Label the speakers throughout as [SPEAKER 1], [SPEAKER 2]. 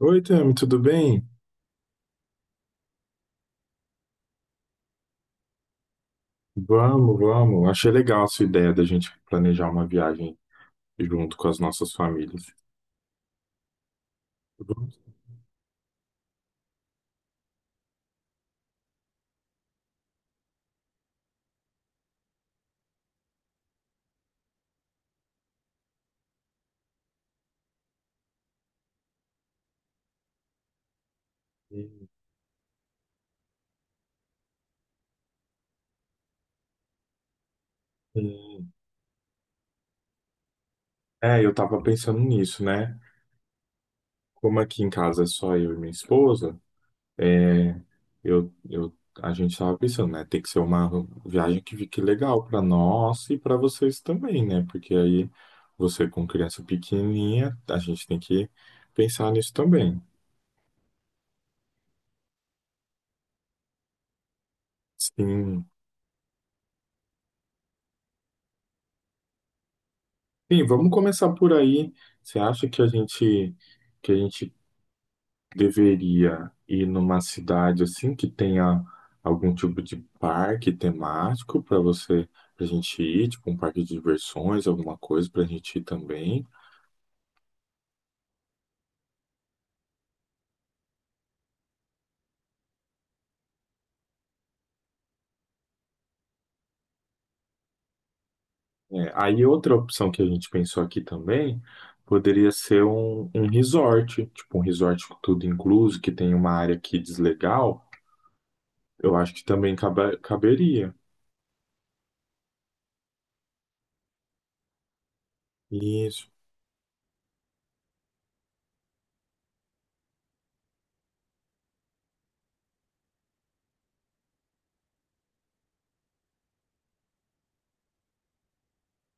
[SPEAKER 1] Oi, Tami, tudo bem? Vamos, vamos. Achei legal a sua ideia da gente planejar uma viagem junto com as nossas famílias. Vamos. Sim, sim. Eu tava pensando nisso, né? Como aqui em casa é só eu e minha esposa, é, eu, eu, a gente tava pensando, né? Tem que ser uma viagem que fique legal para nós e para vocês também, né? Porque aí você com criança pequenininha, a gente tem que pensar nisso também. Sim. Sim, vamos começar por aí. Você acha que a gente deveria ir numa cidade assim que tenha algum tipo de parque temático para a gente ir, tipo um parque de diversões, alguma coisa para a gente ir também? É, aí outra opção que a gente pensou aqui também poderia ser um resort, tipo um resort com tudo incluso, que tem uma área kids legal. Eu acho que também caberia. Isso.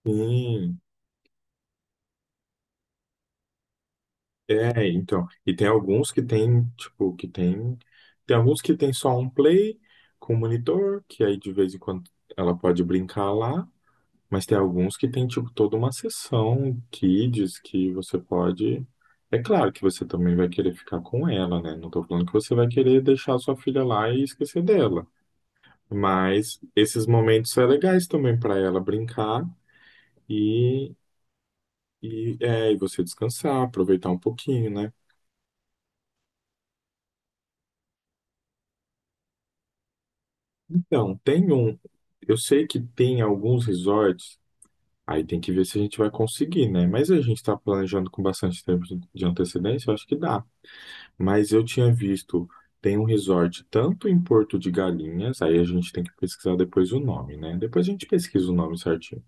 [SPEAKER 1] Sim. É, então. E tem alguns que tem, tipo, que tem. Tem alguns que tem só um play com monitor, que aí de vez em quando ela pode brincar lá. Mas tem alguns que tem, tipo, toda uma sessão kids que você pode. É claro que você também vai querer ficar com ela, né? Não tô falando que você vai querer deixar sua filha lá e esquecer dela. Mas esses momentos são legais também para ela brincar e, e você descansar, aproveitar um pouquinho, né? Então, tem um. Eu sei que tem alguns resorts, aí tem que ver se a gente vai conseguir, né? Mas a gente está planejando com bastante tempo de antecedência, eu acho que dá. Mas eu tinha visto, tem um resort tanto em Porto de Galinhas, aí a gente tem que pesquisar depois o nome, né? Depois a gente pesquisa o nome certinho.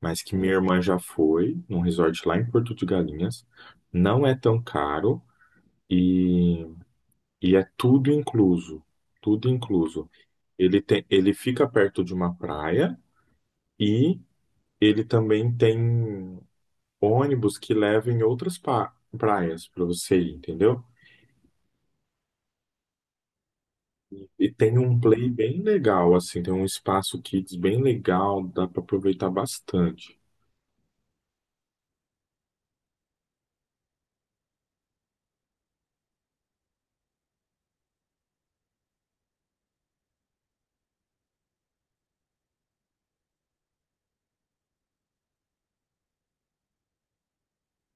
[SPEAKER 1] Mas que minha irmã já foi num resort lá em Porto de Galinhas, não é tão caro e, e é tudo incluso. Tudo incluso. Ele fica perto de uma praia. E ele também tem ônibus que leva em outras praias para você ir, entendeu? E tem um play bem legal, assim, tem um espaço kids bem legal, dá para aproveitar bastante.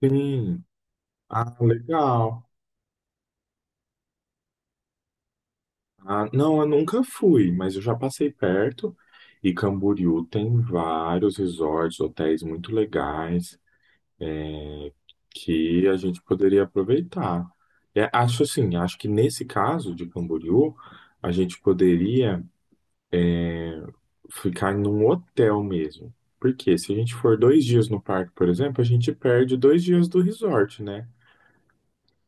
[SPEAKER 1] Sim, ah, legal. Ah, não, eu nunca fui, mas eu já passei perto. E Camboriú tem vários resorts, hotéis muito legais, que a gente poderia aproveitar. É, acho assim, acho que nesse caso de Camboriú, a gente poderia ficar num hotel mesmo. Porque se a gente for dois dias no parque, por exemplo, a gente perde dois dias do resort, né?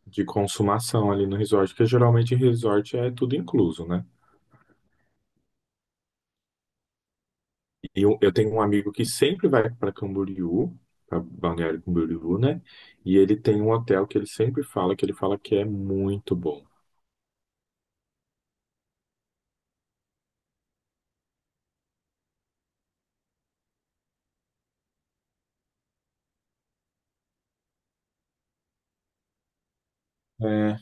[SPEAKER 1] De consumação ali no resort, que geralmente resort é tudo incluso, né? E eu tenho um amigo que sempre vai para Camboriú, para Balneário Camboriú, né? E ele tem um hotel que ele sempre fala, que ele fala que é muito bom. É,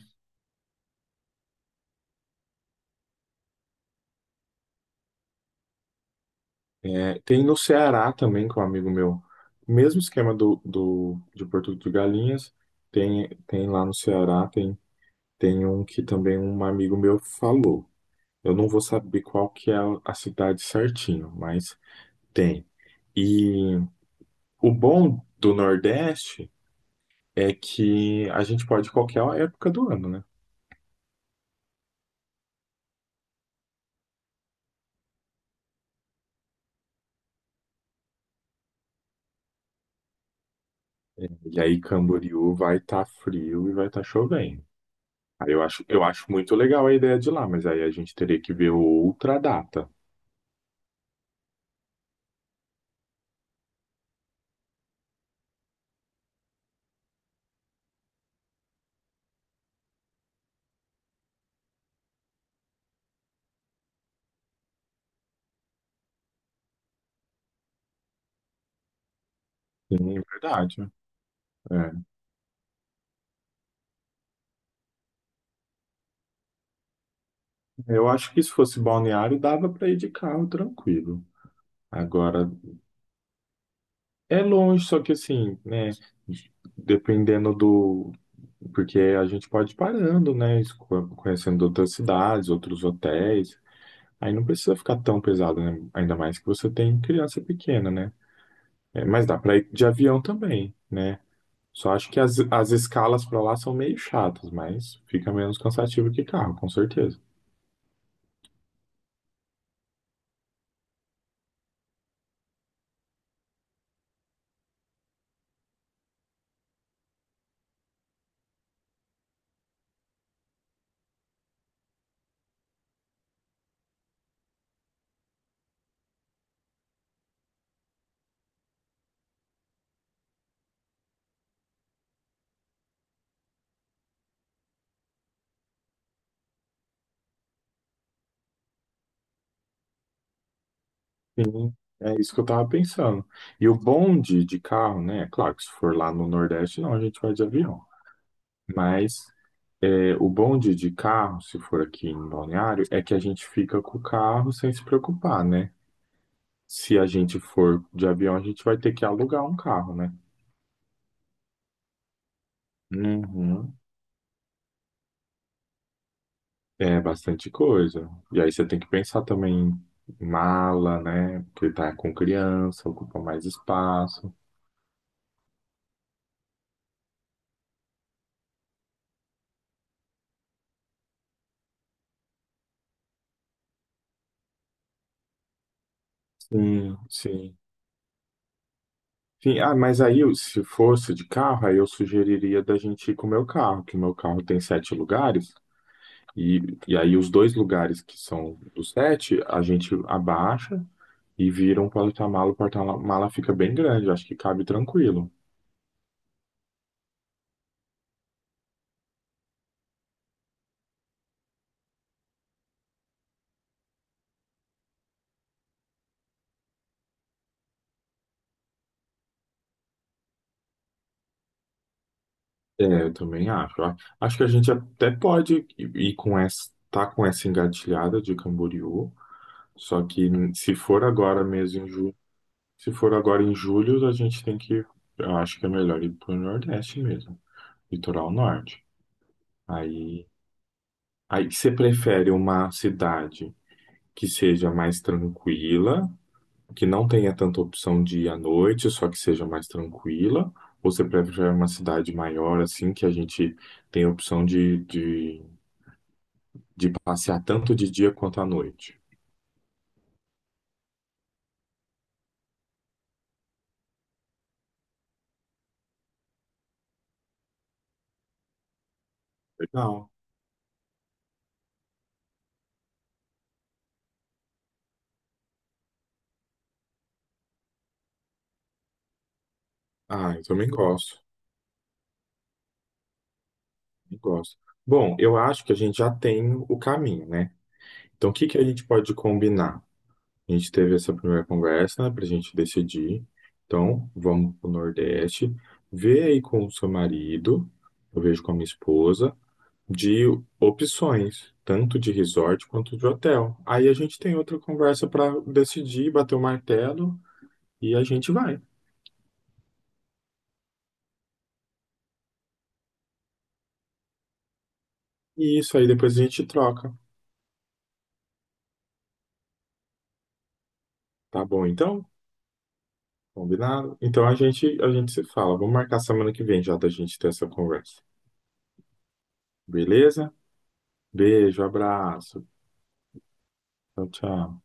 [SPEAKER 1] é, tem no Ceará também, com um amigo meu, mesmo esquema de Porto de Galinhas, tem lá no Ceará, tem, tem um que também um amigo meu falou. Eu não vou saber qual que é a cidade certinho, mas tem. E o bom do Nordeste é que a gente pode ir qualquer época do ano, né? É, e aí Camboriú vai estar frio e vai estar chovendo. Aí eu acho muito legal a ideia de ir lá, mas aí a gente teria que ver outra data. Sim, verdade. É. Eu acho que se fosse balneário, dava para ir de carro tranquilo. Agora, é longe, só que assim, né? Dependendo do. Porque a gente pode ir parando, né? Conhecendo outras cidades, outros hotéis. Aí não precisa ficar tão pesado, né? Ainda mais que você tem criança pequena, né? É, mas dá para ir de avião também, né? Só acho que as escalas para lá são meio chatas, mas fica menos cansativo que carro, com certeza. Sim, é isso que eu tava pensando. E o bonde de carro, né? Claro que se for lá no Nordeste, não, a gente vai de avião. Mas é, o bonde de carro, se for aqui em Balneário, é que a gente fica com o carro sem se preocupar, né? Se a gente for de avião, a gente vai ter que alugar um carro, né? Uhum. É bastante coisa. E aí você tem que pensar também em mala, né? Porque tá com criança, ocupa mais espaço. Sim, sim. Sim, ah, mas aí, se fosse de carro, aí eu sugeriria da gente ir com o meu carro, que o meu carro tem sete lugares, e, e aí os dois lugares que são dos sete, a gente abaixa e vira um porta-mala, o porta-mala fica bem grande, acho que cabe tranquilo. É, eu também acho. Acho que a gente até pode ir com essa, tá com essa engatilhada de Camboriú, só que se for agora mesmo em julho, se for agora em julho, a gente tem que, eu acho que é melhor ir pro Nordeste mesmo. Litoral norte. Aí, aí você prefere uma cidade que seja mais tranquila, que não tenha tanta opção de ir à noite, só que seja mais tranquila? Ou você prefere uma cidade maior, assim, que a gente tem a opção de passear tanto de dia quanto à noite? Legal. Ah, eu também gosto. Também gosto. Bom, eu acho que a gente já tem o caminho, né? Então, o que que a gente pode combinar? A gente teve essa primeira conversa, né, para a gente decidir. Então, vamos para o Nordeste. Vê aí com o seu marido, eu vejo com a minha esposa, de opções, tanto de resort quanto de hotel. Aí a gente tem outra conversa para decidir, bater o martelo e a gente vai. E isso aí depois a gente troca. Tá bom, então? Combinado? Então a gente se fala. Vamos marcar semana que vem já da gente ter essa conversa. Beleza? Beijo, abraço. Tchau, tchau.